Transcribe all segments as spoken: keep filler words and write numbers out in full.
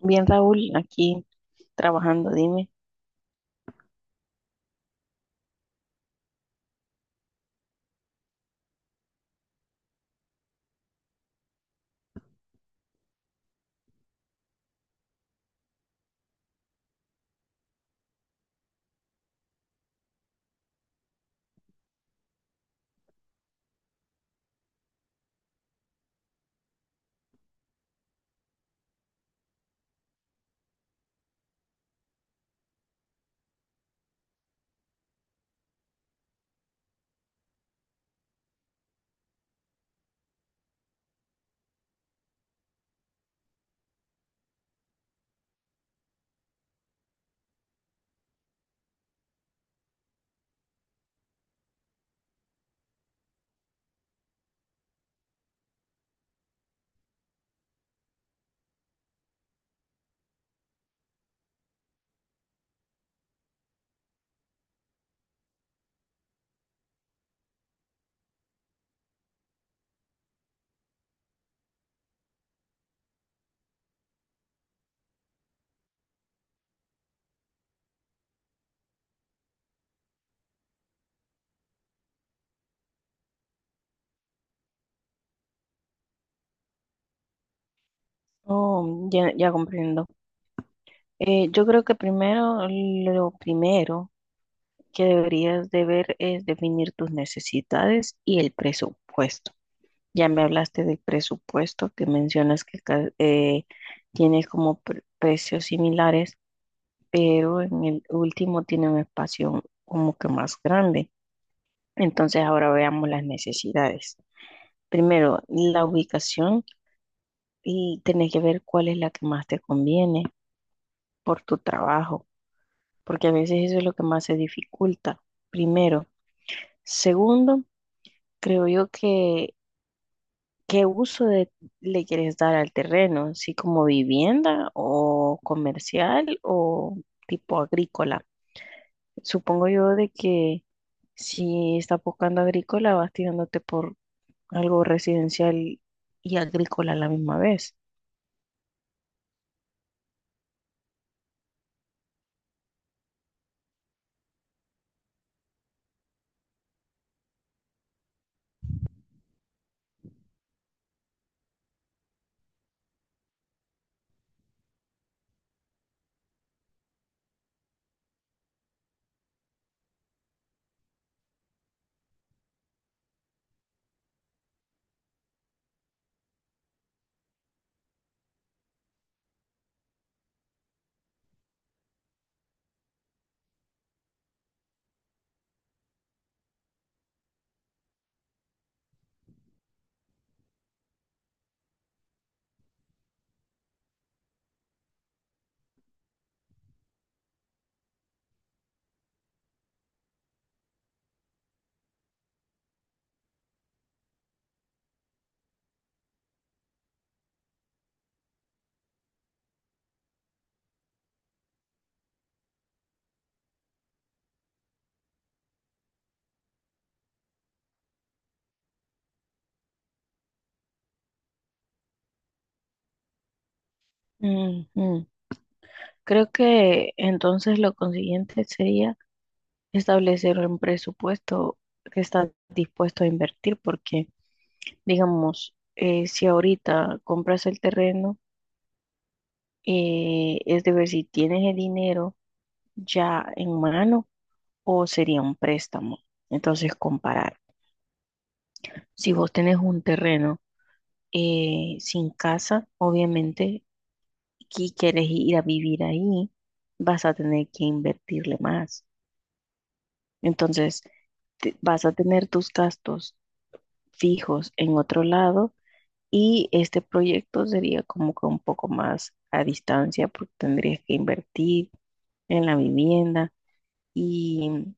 Bien, Raúl, aquí trabajando, dime. Oh, ya, ya comprendo. Eh, yo creo que primero, lo primero, que deberías de ver es definir tus necesidades y el presupuesto. Ya me hablaste del presupuesto que mencionas que ca- eh, tiene como pre- precios similares, pero en el último tiene un espacio como que más grande. Entonces ahora veamos las necesidades. Primero, la ubicación y tenés que ver cuál es la que más te conviene por tu trabajo, porque a veces eso es lo que más se dificulta. Primero. Segundo, creo yo que ¿qué uso de- le quieres dar al terreno? ¿Sí como vivienda o comercial o tipo agrícola? Supongo yo de que si estás buscando agrícola vas tirándote por algo residencial y agrícola a la misma vez. Ujú. Creo que entonces lo consiguiente sería establecer un presupuesto que estás dispuesto a invertir porque, digamos, eh, si ahorita compras el terreno, eh, es de ver si tienes el dinero ya en mano o sería un préstamo. Entonces, comparar. Si vos tenés un terreno eh, sin casa, obviamente, y quieres ir a vivir ahí, vas a tener que invertirle más. Entonces, te- vas a tener tus gastos fijos en otro lado y este proyecto sería como que un poco más a distancia porque tendrías que invertir en la vivienda. Y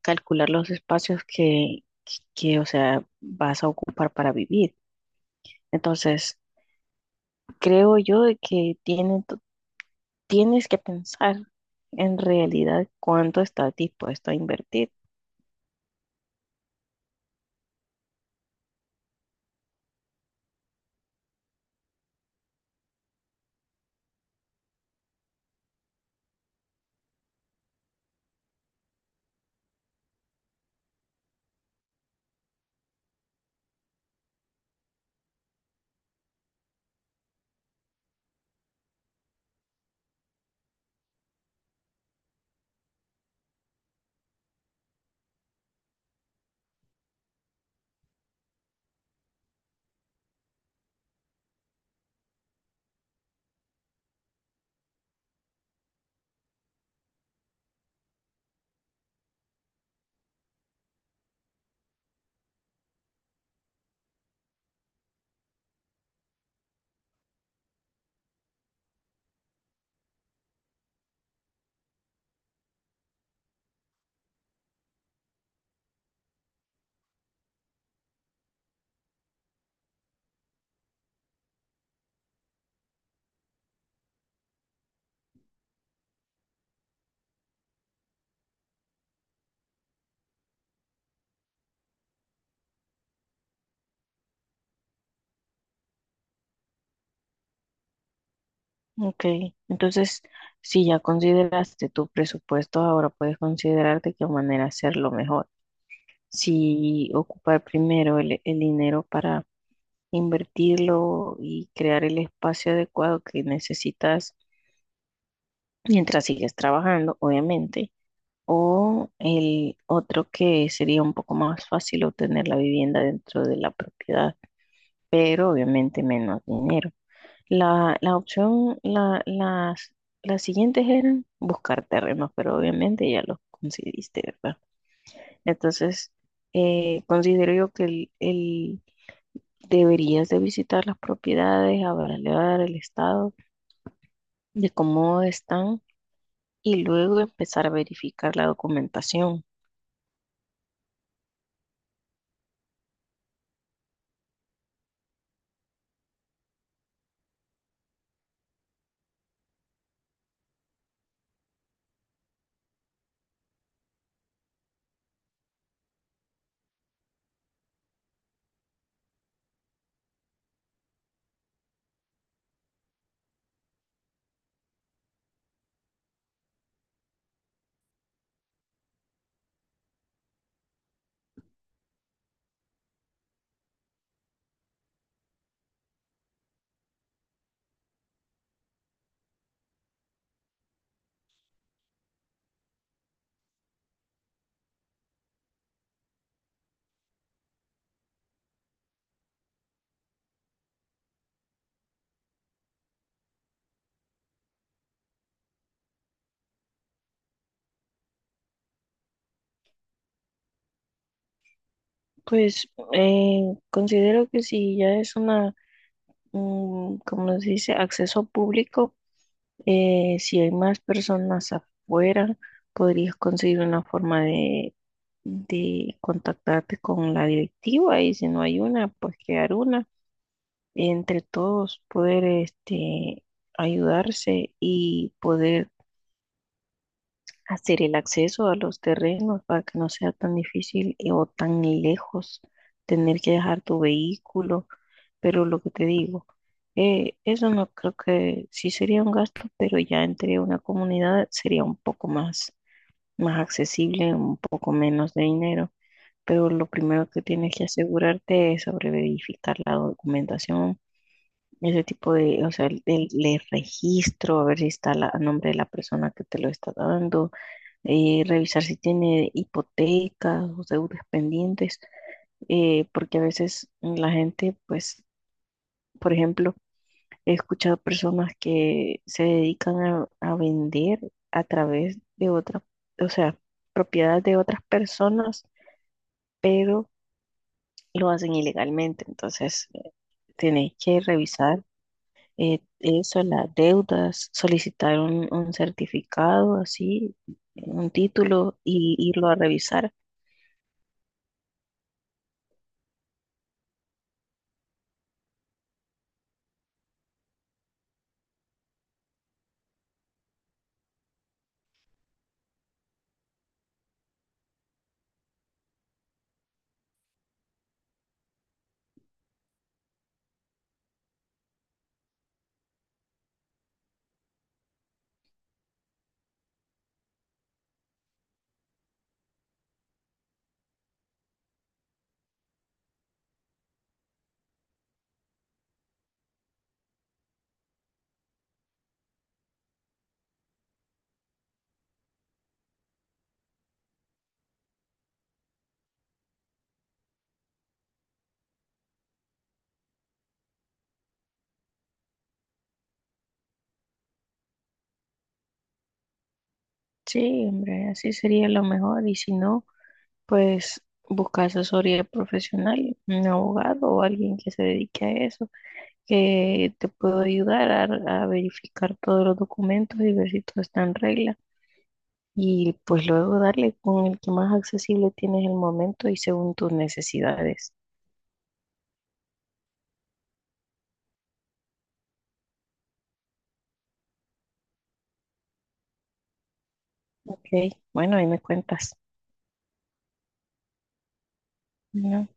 calcular los espacios que, que, o sea, vas a ocupar para vivir. Entonces, creo yo de que tiene tienes que pensar en realidad cuánto estás dispuesto a invertir. Ok, entonces, si ya consideraste tu presupuesto, ahora puedes considerar de qué manera hacerlo mejor. Si ocupar primero el, el dinero para invertirlo y crear el espacio adecuado que necesitas mientras sigues trabajando, obviamente. O el otro que sería un poco más fácil obtener la vivienda dentro de la propiedad, pero obviamente menos dinero. La, la opción, la, las, las siguientes eran buscar terrenos, pero obviamente ya los conseguiste, ¿verdad? Entonces, eh, considero yo que el, el- deberías de visitar las propiedades, evaluar el estado de cómo están y luego empezar a verificar la documentación. Pues eh, considero que si ya es una, mm, como se dice, acceso público, eh, si hay más personas afuera, podrías conseguir una forma de, de contactarte con la directiva y si no hay una, pues crear una. Entre todos poder este, ayudarse y poder hacer el acceso a los terrenos para que no sea tan difícil y- o tan lejos tener que dejar tu vehículo. Pero lo que te digo, eh, eso no creo que sí sería un gasto, pero ya entre una comunidad sería un poco más, más accesible, un poco menos de dinero. Pero lo primero que tienes que asegurarte es sobre verificar la documentación, ese tipo de, o sea, el, el- el registro, a ver si está la- a nombre de la persona que te lo está dando, eh, revisar si tiene hipotecas o deudas pendientes, eh, porque a veces la gente, pues, por ejemplo, he escuchado personas que se dedican a, a vender a través de otras, o sea, propiedades de otras personas, pero lo hacen ilegalmente. Entonces, eh, tenéis que revisar eh, eso, las deudas, solicitar un, un certificado, así, un título y irlo a revisar. Sí, hombre, así sería lo mejor. Y si no, pues buscas asesoría profesional, un abogado o alguien que se dedique a eso, que te pueda ayudar a, a verificar todos los documentos y ver si todo está en regla. Y pues luego darle con el que más accesible tienes el momento y según tus necesidades. Ok, bueno, ahí me cuentas. Bueno.